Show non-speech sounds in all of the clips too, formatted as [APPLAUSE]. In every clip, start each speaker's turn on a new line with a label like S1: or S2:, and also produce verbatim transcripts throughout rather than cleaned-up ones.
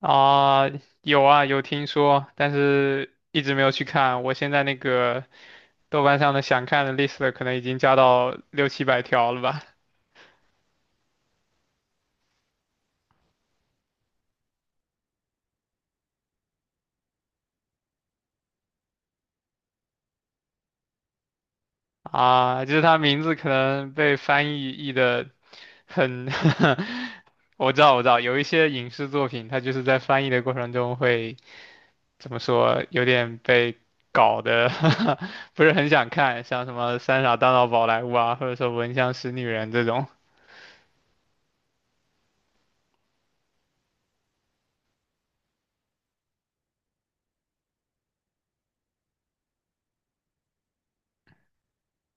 S1: 啊，有啊，有听说，但是一直没有去看。我现在那个豆瓣上的想看的 list 可能已经加到六七百条了吧？啊，就是它名字可能被翻译译的很 [LAUGHS] 我知道，我知道，有一些影视作品，它就是在翻译的过程中会怎么说，有点被搞得 [LAUGHS] 不是很想看，像什么《三傻大闹宝莱坞》啊，或者说《闻香识女人》这种。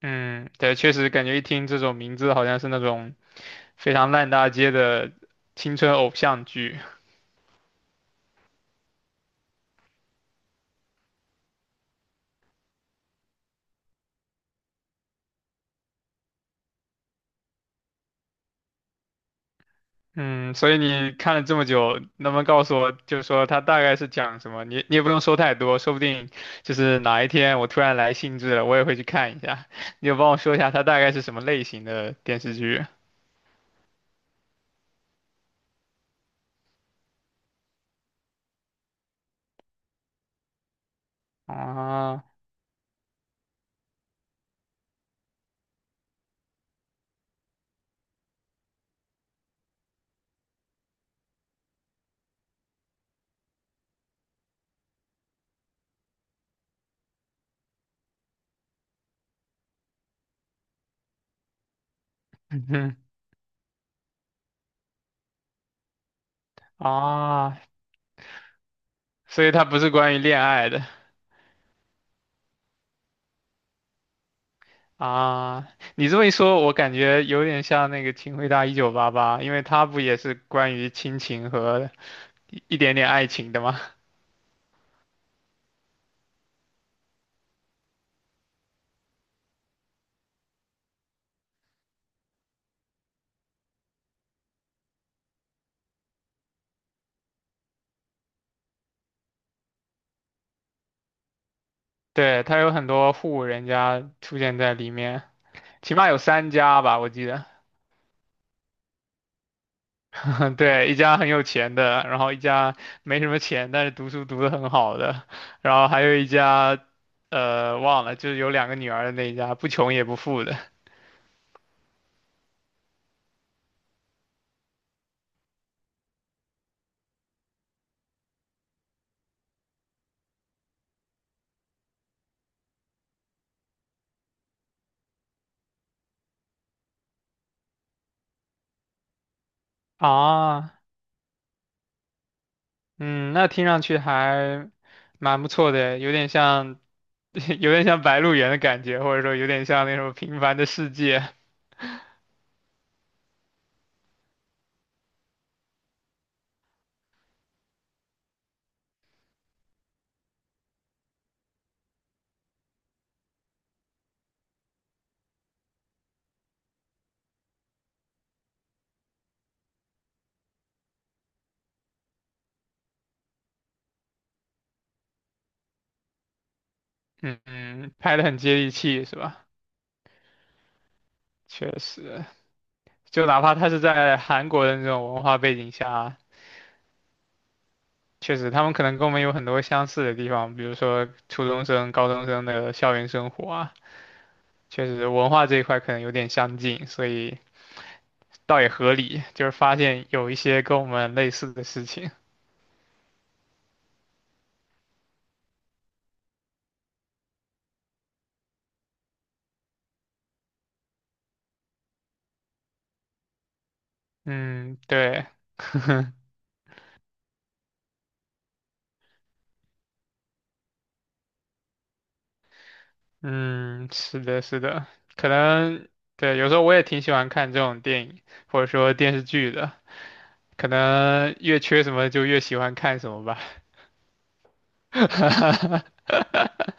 S1: 嗯，对，确实感觉一听这种名字，好像是那种非常烂大街的青春偶像剧。嗯，所以你看了这么久，能不能告诉我，就是说它大概是讲什么？你你也不用说太多，说不定就是哪一天我突然来兴致了，我也会去看一下。你就帮我说一下它大概是什么类型的电视剧啊？[LAUGHS] 嗯哼啊 [LAUGHS]，所以它不是关于恋爱的。啊，你这么一说，我感觉有点像那个《请回答一九八八》，因为它不也是关于亲情和一一点点爱情的吗？[LAUGHS] 对，它有很多户人家出现在里面，起码有三家吧，我记得。[LAUGHS] 对，一家很有钱的，然后一家没什么钱，但是读书读得很好的，然后还有一家，呃，忘了，就是有两个女儿的那一家，不穷也不富的。啊，嗯，那听上去还蛮不错的，有点像。[LAUGHS] 有点像《白鹿原》的感觉，或者说有点像那种《平凡的世界》。嗯嗯，拍的很接地气，是吧？确实，就哪怕他是在韩国的那种文化背景下，确实他们可能跟我们有很多相似的地方，比如说初中生、高中生的校园生活啊，确实文化这一块可能有点相近，所以倒也合理，就是发现有一些跟我们类似的事情。嗯，对。[LAUGHS] 嗯，是的，是的，可能对，有时候我也挺喜欢看这种电影或者说电视剧的，可能越缺什么就越喜欢看什么吧。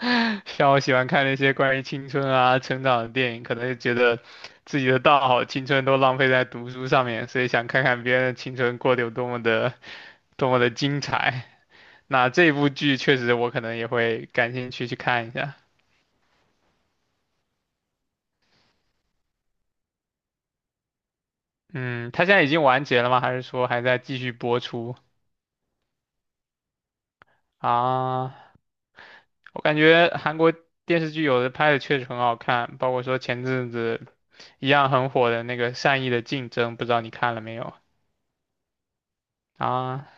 S1: [LAUGHS] 像我喜欢看那些关于青春啊、成长的电影，可能就觉得自己的大好青春都浪费在读书上面，所以想看看别人的青春过得有多么的、多么的精彩。那这部剧确实我可能也会感兴趣去看一下。嗯，它现在已经完结了吗？还是说还在继续播出啊？我感觉韩国电视剧有的拍的确实很好看，包括说前阵子一样很火的那个《善意的竞争》，不知道你看了没有？啊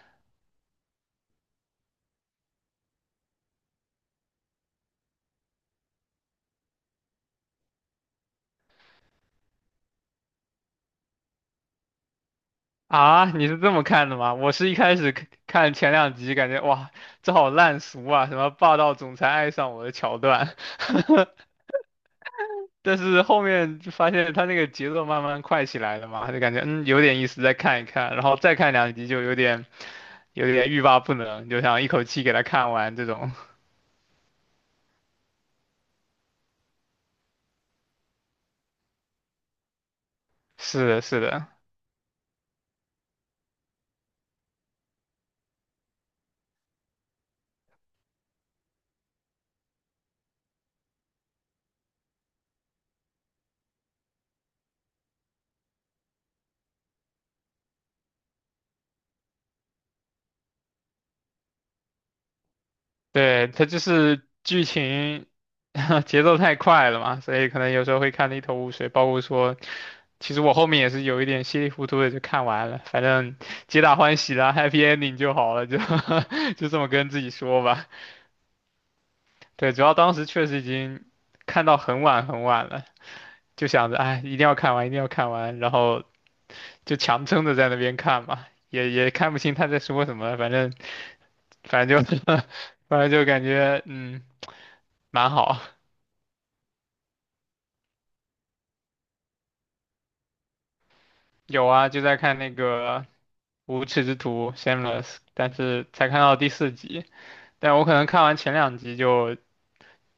S1: 啊，你是这么看的吗？我是一开始看看前两集，感觉哇，这好烂俗啊，什么霸道总裁爱上我的桥段，[LAUGHS] 但是后面就发现他那个节奏慢慢快起来了嘛，就感觉嗯有点意思，再看一看，然后再看两集就有点有点欲罢不能，就想一口气给他看完这种。[LAUGHS] 是的，是的。对，它就是剧情 [LAUGHS] 节奏太快了嘛，所以可能有时候会看得一头雾水。包括说，其实我后面也是有一点稀里糊涂的就看完了，反正皆大欢喜啦 [LAUGHS]，happy ending 就好了，就 [LAUGHS] 就这么跟自己说吧。对，主要当时确实已经看到很晚很晚了，就想着哎，一定要看完，一定要看完，然后就强撑着在那边看嘛，也也看不清他在说什么，反正反正就 [LAUGHS] 反正就感觉嗯蛮好。有啊，就在看那个《无耻之徒》（Shameless），但是才看到第四集。但我可能看完前两集就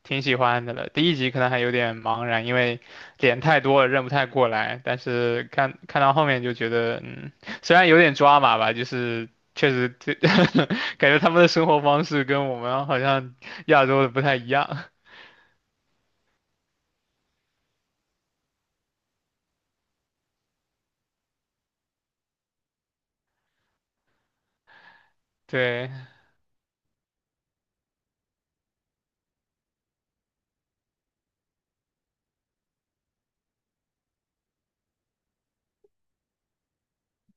S1: 挺喜欢的了，第一集可能还有点茫然，因为脸太多了认不太过来。但是看看到后面就觉得，嗯，虽然有点抓马吧，就是确实这 [LAUGHS] 感觉他们的生活方式跟我们好像亚洲的不太一样。对，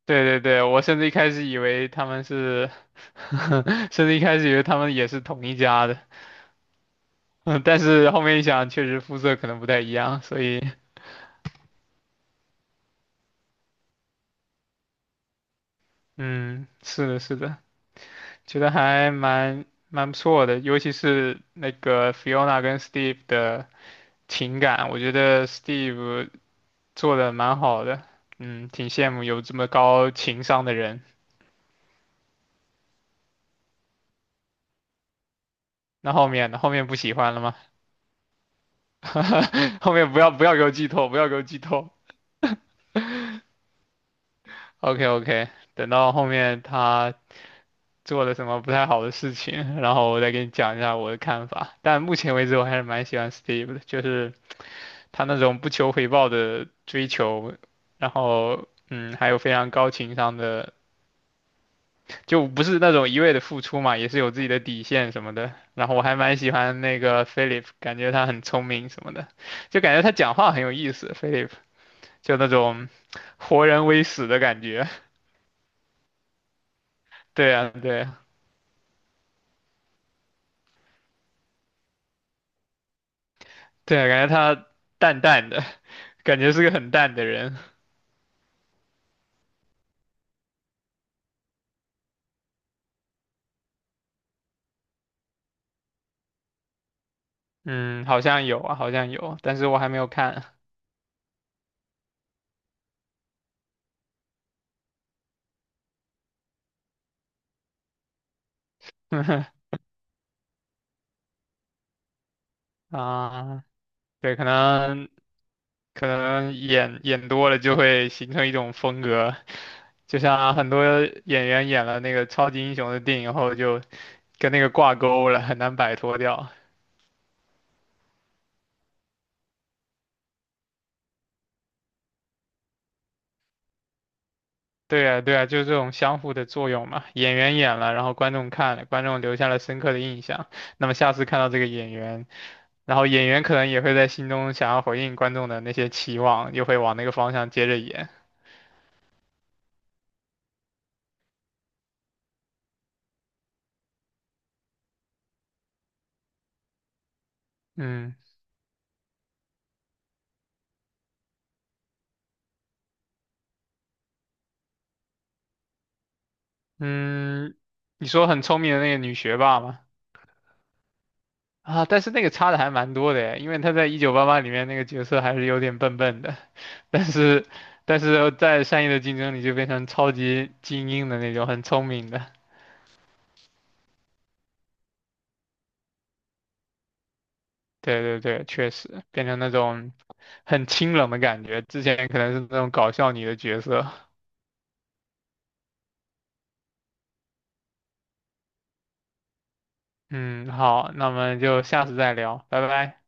S1: 对对对，我甚至一开始以为他们是，[LAUGHS] 甚至一开始以为他们也是同一家的。[LAUGHS] 嗯，但是后面一想，确实肤色可能不太一样，所以，嗯，是的，是的，觉得还蛮蛮不错的，尤其是那个 Fiona 跟 Steve 的情感，我觉得 Steve 做的蛮好的，嗯，挺羡慕有这么高情商的人。那后面呢？后面不喜欢了吗？[LAUGHS] 后面不要不要给我剧透，不要给我剧透。OK OK，等到后面他做了什么不太好的事情，[LAUGHS] 然后我再给你讲一下我的看法。但目前为止，我还是蛮喜欢 Steve 的，就是他那种不求回报的追求，然后嗯，还有非常高情商的，就不是那种一味的付出嘛，也是有自己的底线什么的。然后我还蛮喜欢那个 Philip，感觉他很聪明什么的，就感觉他讲话很有意思，Philip 就那种活人微死的感觉。[LAUGHS] 对啊，对啊，对啊，感觉他淡淡的，感觉是个很淡的人。嗯，好像有啊，好像有，但是我还没有看。[LAUGHS] 啊，对，可能可能演演多了就会形成一种风格，就像很多演员演了那个超级英雄的电影后，就跟那个挂钩了，很难摆脱掉。对啊，对啊，就是这种相互的作用嘛。演员演了，然后观众看了，观众留下了深刻的印象。那么下次看到这个演员，然后演员可能也会在心中想要回应观众的那些期望，又会往那个方向接着演。嗯嗯，你说很聪明的那个女学霸吗？啊，但是那个差的还蛮多的耶，因为她在《一九八八》里面那个角色还是有点笨笨的，[LAUGHS] 但是但是在《善意的竞争》里就变成超级精英的那种，很聪明的。对对对，确实变成那种很清冷的感觉，之前可能是那种搞笑女的角色。嗯，好，那我们就下次再聊，拜拜。